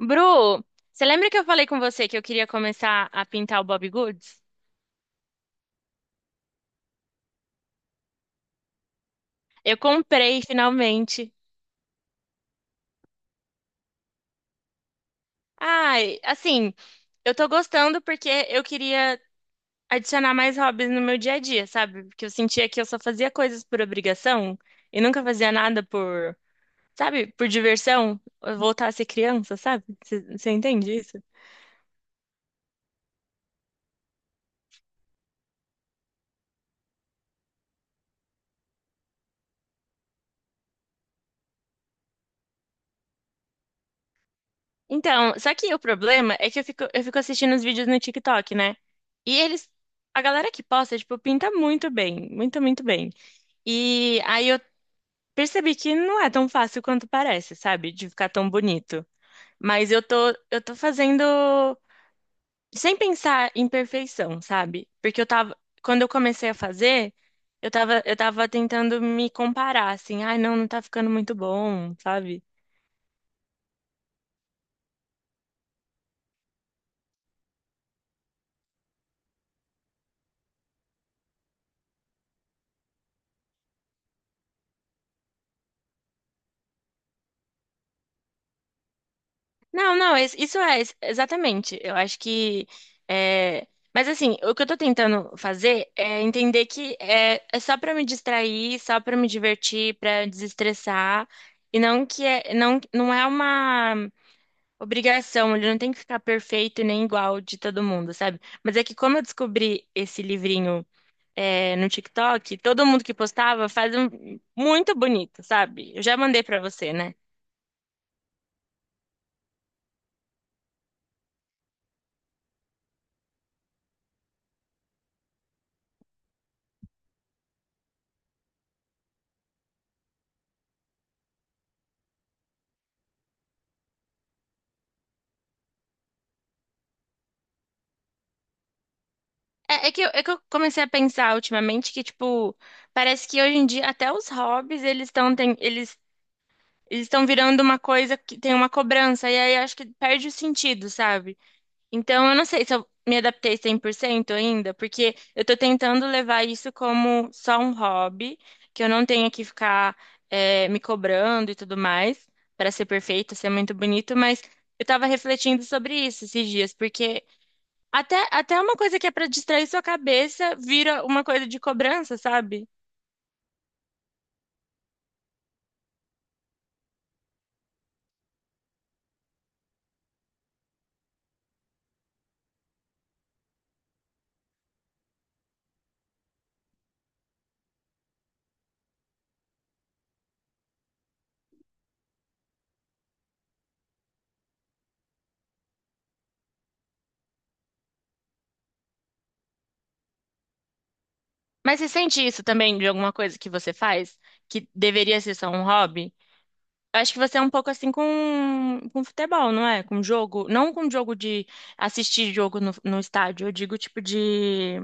Bru, você lembra que eu falei com você que eu queria começar a pintar o Bobbie Goods? Eu comprei finalmente. Ai, assim, eu tô gostando porque eu queria adicionar mais hobbies no meu dia a dia, sabe? Porque eu sentia que eu só fazia coisas por obrigação e nunca fazia nada por, sabe, por diversão, voltar a ser criança, sabe? Você entende isso? Então, só que o problema é que eu fico assistindo os vídeos no TikTok, né? E eles, a galera que posta, tipo, pinta muito bem, muito, muito bem. E aí eu percebi que não é tão fácil quanto parece, sabe? De ficar tão bonito. Mas eu tô fazendo sem pensar em perfeição, sabe? Porque quando eu comecei a fazer, eu tava tentando me comparar, assim, ai, não, não tá ficando muito bom, sabe? Não, não, isso é, exatamente. Eu acho que. é, Mas assim, o que eu tô tentando fazer é entender que é só pra me distrair, só pra me divertir, pra desestressar, e não que é, não, não é uma obrigação, ele não tem que ficar perfeito e nem igual de todo mundo, sabe? Mas é que como eu descobri esse livrinho no TikTok, todo mundo que postava faz um muito bonito, sabe? Eu já mandei pra você, né? É, é que eu comecei a pensar ultimamente que, tipo, parece que hoje em dia até os hobbies, eles estão virando uma coisa que tem uma cobrança, e aí acho que perde o sentido, sabe? Então eu não sei se eu me adaptei 100% ainda, porque eu tô tentando levar isso como só um hobby, que eu não tenha que ficar me cobrando e tudo mais, para ser perfeito, ser muito bonito, mas eu tava refletindo sobre isso esses dias, porque até uma coisa que é pra distrair sua cabeça vira uma coisa de cobrança, sabe? Mas você sente isso também de alguma coisa que você faz, que deveria ser só um hobby? Eu acho que você é um pouco assim com futebol, não é? Com jogo. Não com jogo de assistir jogo no estádio. Eu digo tipo de.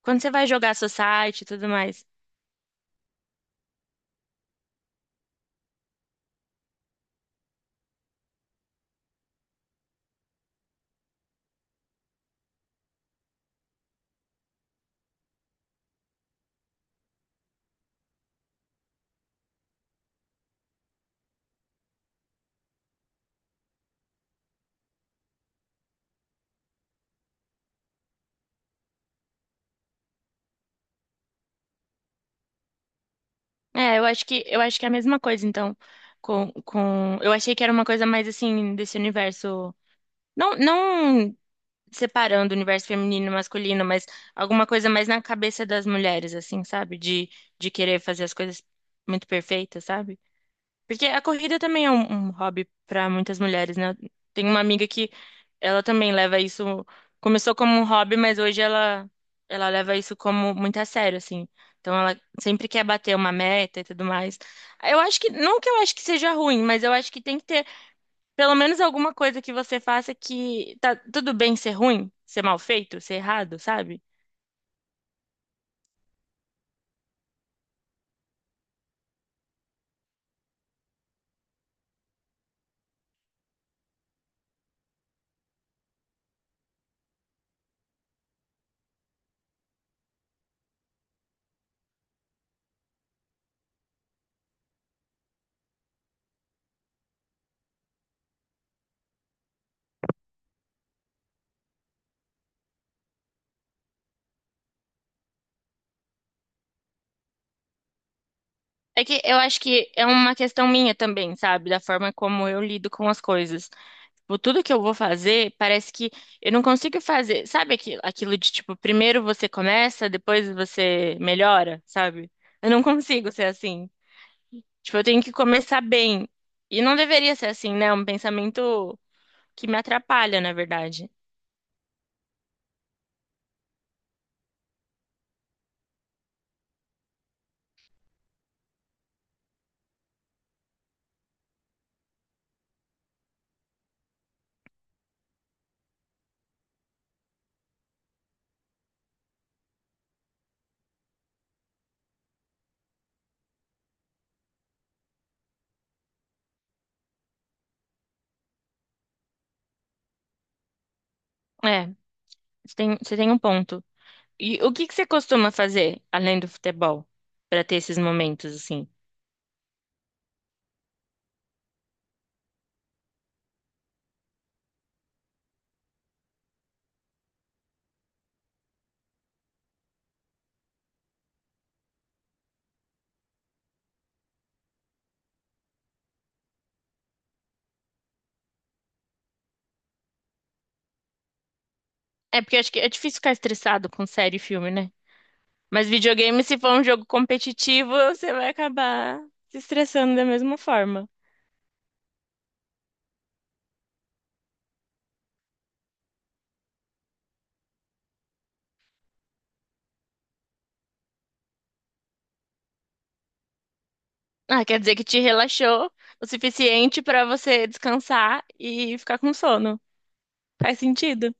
Quando você vai jogar society e tudo mais. É, eu acho que é a mesma coisa, então. Com... Eu achei que era uma coisa mais assim, desse universo. Não, não separando o universo feminino e masculino, mas alguma coisa mais na cabeça das mulheres, assim, sabe? De querer fazer as coisas muito perfeitas, sabe? Porque a corrida também é um hobby para muitas mulheres, né? Tem uma amiga que ela também leva isso, começou como um hobby, mas hoje ela leva isso como muito a sério, assim. Então ela sempre quer bater uma meta e tudo mais. Eu acho que, não que eu acho que seja ruim, mas eu acho que tem que ter pelo menos alguma coisa que você faça que tá tudo bem ser ruim, ser mal feito, ser errado, sabe? É que eu acho que é uma questão minha também, sabe? Da forma como eu lido com as coisas. Tipo, tudo que eu vou fazer, parece que eu não consigo fazer. Sabe aquilo, aquilo de tipo: primeiro você começa, depois você melhora, sabe? Eu não consigo ser assim. Tipo, eu tenho que começar bem. E não deveria ser assim, né? É um pensamento que me atrapalha, na verdade. É, você tem um ponto. E o que que você costuma fazer além do futebol pra ter esses momentos assim? É porque eu acho que é difícil ficar estressado com série e filme, né? Mas videogame, se for um jogo competitivo, você vai acabar se estressando da mesma forma. Ah, quer dizer que te relaxou o suficiente pra você descansar e ficar com sono. Faz sentido.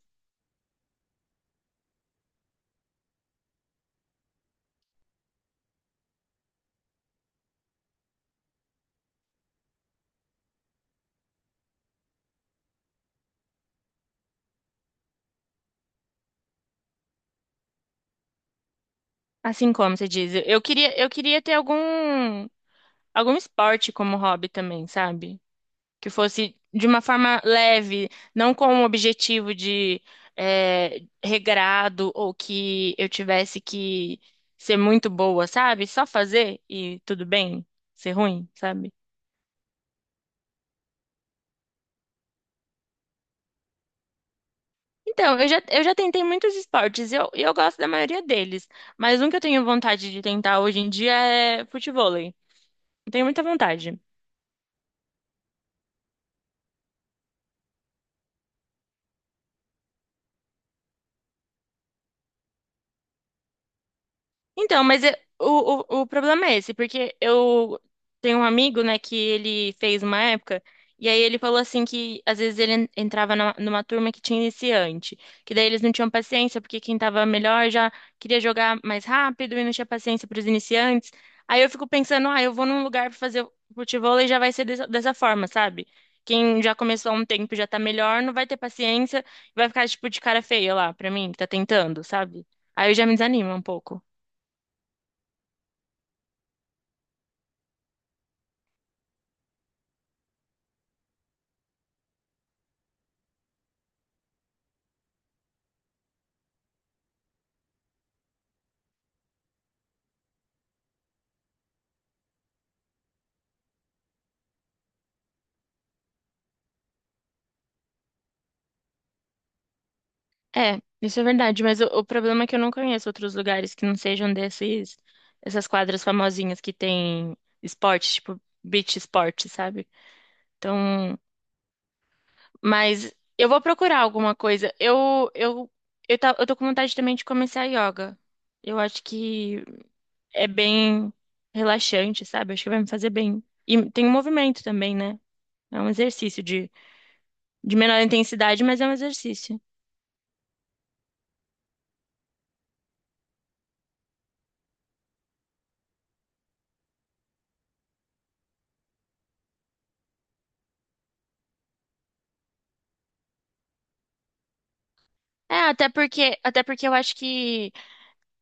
Assim como você diz, eu queria ter algum esporte como hobby também, sabe? Que fosse de uma forma leve, não com o objetivo de regrado ou que eu tivesse que ser muito boa, sabe? Só fazer e tudo bem, ser ruim, sabe? Então, eu já tentei muitos esportes e eu gosto da maioria deles, mas um que eu tenho vontade de tentar hoje em dia é futevôlei. Eu tenho muita vontade. Então, mas o problema é esse, porque eu tenho um amigo, né, que ele fez uma época, e aí ele falou assim que às vezes ele entrava numa turma que tinha iniciante, que daí eles não tinham paciência, porque quem tava melhor já queria jogar mais rápido e não tinha paciência para os iniciantes. Aí eu fico pensando, ah, eu vou num lugar para fazer futevôlei e já vai ser dessa forma, sabe? Quem já começou há um tempo e já tá melhor, não vai ter paciência, e vai ficar tipo de cara feia lá pra mim, que tá tentando, sabe? Aí eu já me desanimo um pouco. É, isso é verdade, mas o problema é que eu não conheço outros lugares que não sejam desses, essas quadras famosinhas que tem esporte, tipo beach esporte, sabe? Então, mas eu vou procurar alguma coisa. Eu tô com vontade também de começar yoga. Eu acho que é bem relaxante, sabe? Acho que vai me fazer bem. E tem um movimento também, né? É um exercício de menor intensidade, mas é um exercício. É, até porque eu acho que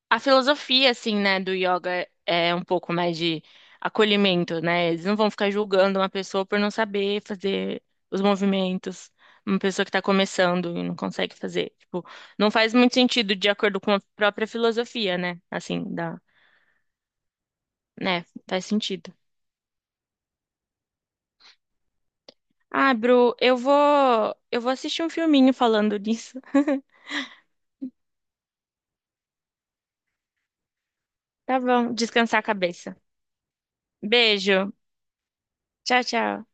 a filosofia, assim, né, do yoga é um pouco mais de acolhimento, né? Eles não vão ficar julgando uma pessoa por não saber fazer os movimentos, uma pessoa que está começando e não consegue fazer. Tipo, não faz muito sentido de acordo com a própria filosofia, né? Assim, da, né? Faz sentido. Ah, Bru, eu vou assistir um filminho falando disso. Tá bom, descansar a cabeça. Beijo. Tchau, tchau.